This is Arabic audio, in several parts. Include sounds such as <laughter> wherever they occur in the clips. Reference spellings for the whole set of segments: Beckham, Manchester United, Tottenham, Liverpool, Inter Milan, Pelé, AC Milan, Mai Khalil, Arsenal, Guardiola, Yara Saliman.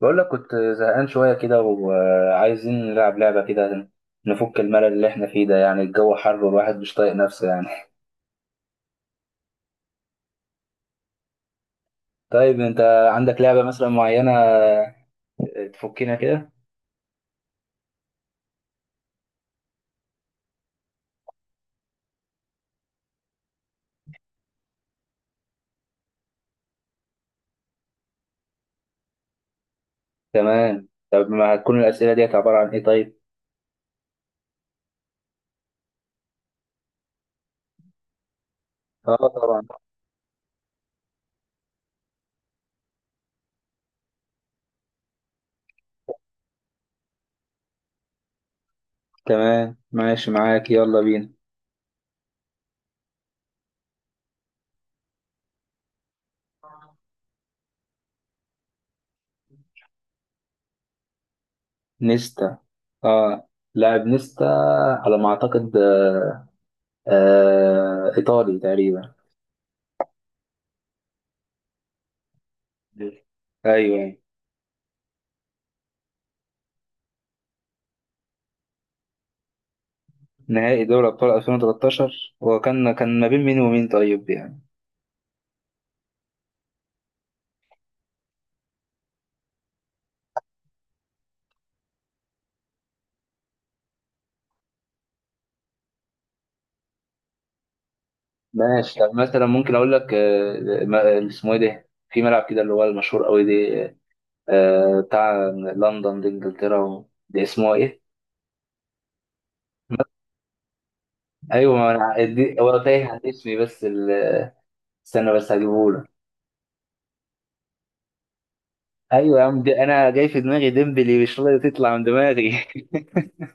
بقول لك كنت زهقان شوية كده وعايزين نلعب لعبة كده، نفك الملل اللي احنا فيه ده. يعني الجو حر والواحد مش طايق نفسه يعني. <laughs> طيب، انت عندك لعبة مثلا معينة تفكنا كده؟ تمام، طب ما هتكون الأسئلة ديت عبارة عن ايه طيب؟ اه، طبعا. تمام ماشي معاك، يلا بينا. نيستا. اه لاعب نيستا، على ما اعتقد، ايطالي تقريبا. ايوه، نهائي دوري أبطال 2013، هو كان ما بين مين ومين، طيب يعني؟ ماشي، طب مثلا ممكن أقول لك، اسمه إيه ده، في ملعب كده اللي هو المشهور قوي ده، بتاع لندن دي إنجلترا، ده اسمه إيه؟ أيوه، ما أنا هو تايه عن اسمي، بس استنى بس هجيبه لك. أيوه يا عم، دي أنا جاي في دماغي ديمبلي، مش راضي تطلع من دماغي. <laughs>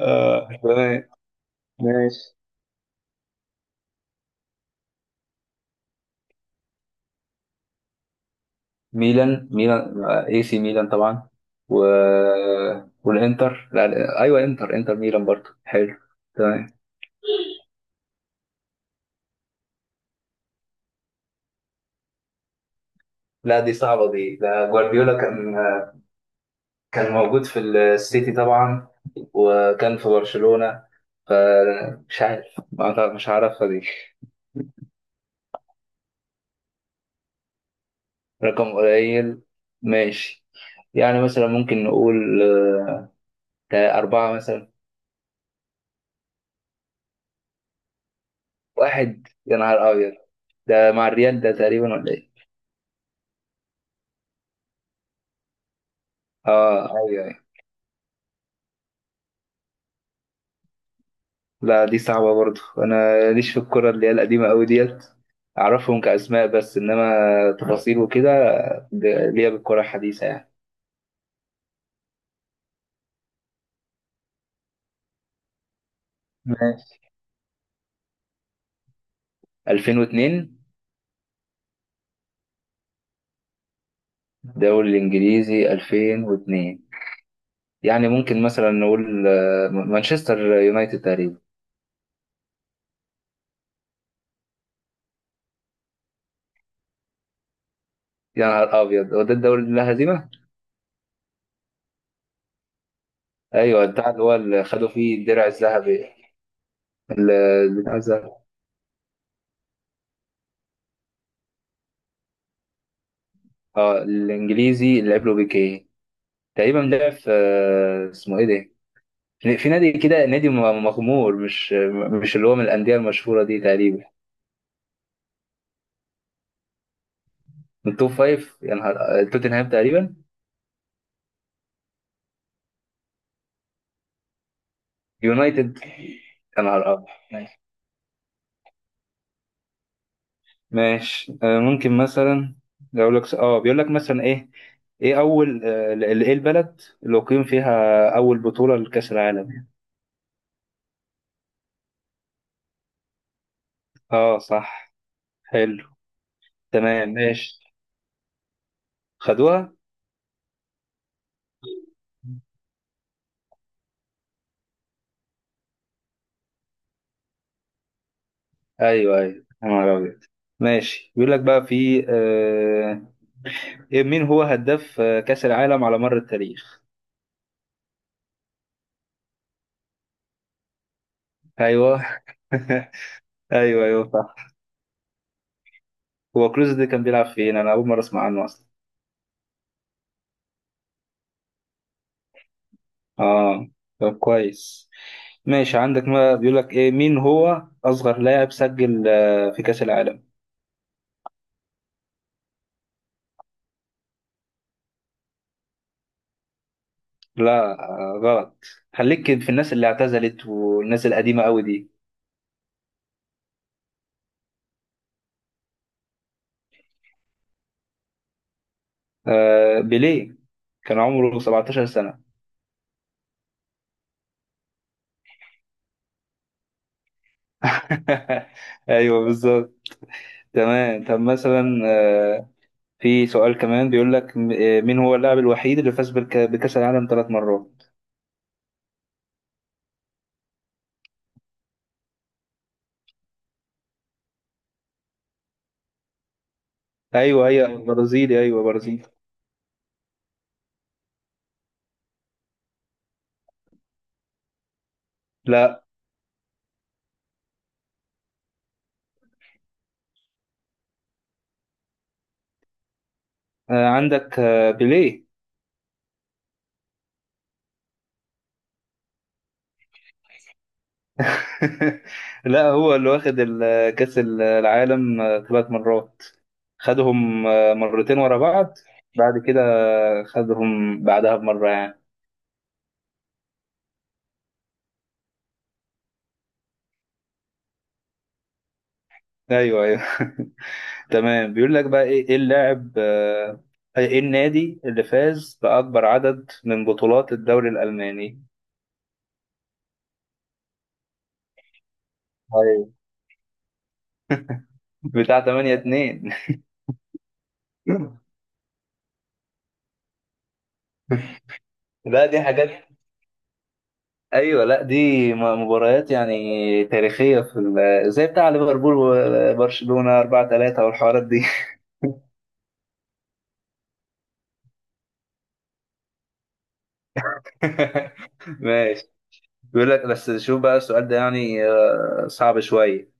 اه، تمام ماشي. ميلان، ميلان اي سي ميلان طبعا، و... والانتر، لا لا، ايوه، انتر ميلان برضه حلو. تمام. لا، دي صعبة دي، ده جوارديولا كان موجود في السيتي طبعا، وكان في برشلونة، فمش عارف، مش عارفها دي. رقم قليل، ماشي. يعني مثلا ممكن نقول، ده أربعة مثلا. واحد؟ يا نهار أبيض. ده مع الريال ده تقريبا، ولا إيه؟ أيوه، أيوة. لا، دي صعبة برضو، أنا ليش في الكرة اللي هي القديمة أوي ديت، أعرفهم كأسماء بس، إنما تفاصيل وكده، ليا بالكرة الحديثة يعني. ماشي. 2002، دوري الإنجليزي 2002، يعني ممكن مثلا نقول، مانشستر يونايتد تقريبا. يا نهار أبيض، هو ده الدوري اللي لا هزيمة؟ أيوه، بتاع اللي هو اللي خدوا فيه الدرع الذهبي، بتاع الذهب. اه، الإنجليزي اللي لعب له بيكيه تقريبا لعب في، اسمه إيه ده؟ في نادي كده، نادي مغمور، مش اللي هو من الأندية المشهورة دي تقريبا. من التوب فايف؟ يا نهار، توتنهام تقريبا. يونايتد؟ يا نهار أبيض، ماشي ماشي. ممكن مثلا أقول لك، بيقول لك مثلا ايه ايه اول، ايه البلد اللي اقيم فيها اول بطولة لكأس العالم؟ اه، صح. حلو، تمام ماشي، خدوها. ايوه، ايوه، يا نهار أبيض. ماشي، بيقول لك بقى في، مين هو هداف كأس العالم على مر التاريخ؟ ايوه. <laughs> ايوه، ايوه، صح. هو كروز ده كان بيلعب فين؟ انا اول مره اسمع عنه اصلا. اه، طب كويس، ماشي. عندك، ما بيقول لك ايه، مين هو اصغر لاعب سجل في كأس العالم؟ لا، غلط. خليك في الناس اللي اعتزلت والناس القديمه قوي دي. بيليه، كان عمره 17 سنه. <laughs> ايوه بالظبط. تمام، طب مثلا، في سؤال كمان بيقول لك، مين هو اللاعب الوحيد اللي فاز بكأس العالم 3 مرات؟ ايوه، هي برازيلي، ايوه برازيلي. لا، عندك، بيليه. <laughs> لا، هو اللي واخد كأس العالم 3 مرات، خدهم مرتين ورا بعض، بعد كده خدهم بعدها بمرة يعني. ايوه، ايوه. <laughs> تمام، بيقول لك بقى ايه، إيه اللاعب آه، ايه النادي اللي فاز بأكبر عدد من بطولات الدوري الألماني بتاع 8-2؟ لا، دي حاجات، ايوه، لا دي مباريات يعني تاريخيه، في زي بتاع ليفربول وبرشلونه 4-3 والحوارات دي. <laughs> ماشي، بيقول لك بس شوف بقى السؤال ده، يعني صعب شويه.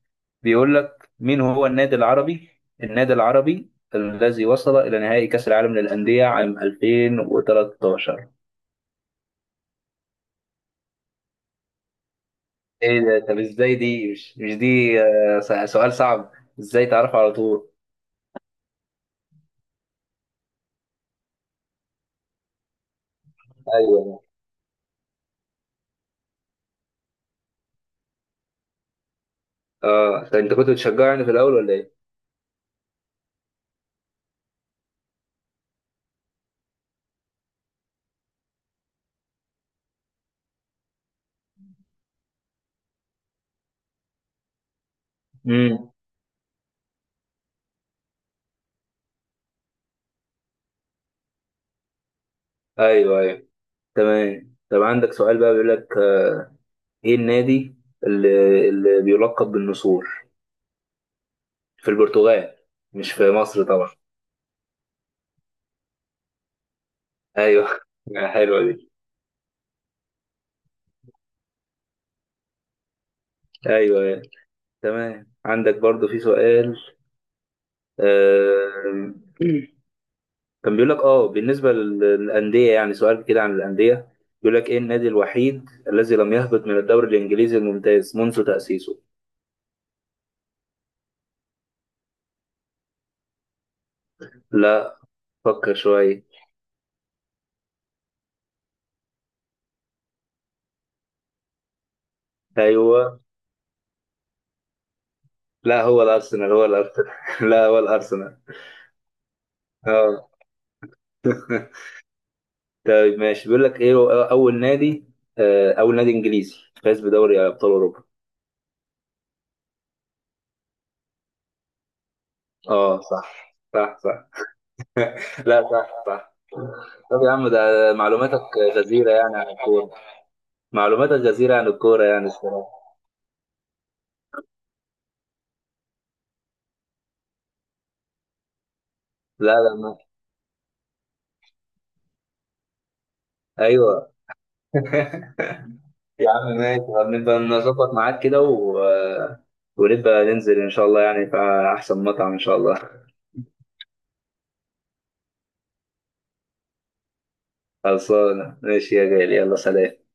بيقول لك مين هو النادي العربي، النادي العربي الذي وصل الى نهائي كاس العالم للانديه عام 2013؟ ايه ده، طب ازاي، دي مش دي، سؤال صعب، ازاي تعرفه على طول؟ أيوة. اه، طب انت كنت بتشجعني في الاول ولا ايه؟ امم ايوه، ايوه. تمام، طب عندك سؤال بقى، بيقول لك، ايه النادي اللي بيلقب بالنسور في البرتغال، مش في مصر طبعا. ايوه. <laughs> حلوه دي، ايوه، أيوة. تمام، عندك برضو في سؤال، آه... كان بيقول لك، بالنسبه للانديه يعني، سؤال كده عن الانديه. بيقول لك ايه النادي الوحيد الذي لم يهبط من الدوري الانجليزي الممتاز منذ تاسيسه؟ لا، فكر شويه. ايوه، لا، هو الارسنال، هو الارسنال. <laughs> لا هو الارسنال. اه. <laughs> طيب ماشي، بيقول لك ايه هو اول نادي، اول نادي انجليزي فاز بدوري ابطال اوروبا؟ اه، صح صح صح. لا، صح صح. طب يا عم، ده معلوماتك غزيرة يعني عن الكورة، معلوماتك غزيرة عن الكورة يعني الصراحة. لا لا ما. ايوه. <laughs> يا عم ماشي، طب نبقى نظبط معاك كده، و... آه، ونبقى ننزل ان شاء الله يعني في احسن مطعم ان شاء الله. خلصانة، ماشي يا غالي، يلا سلام.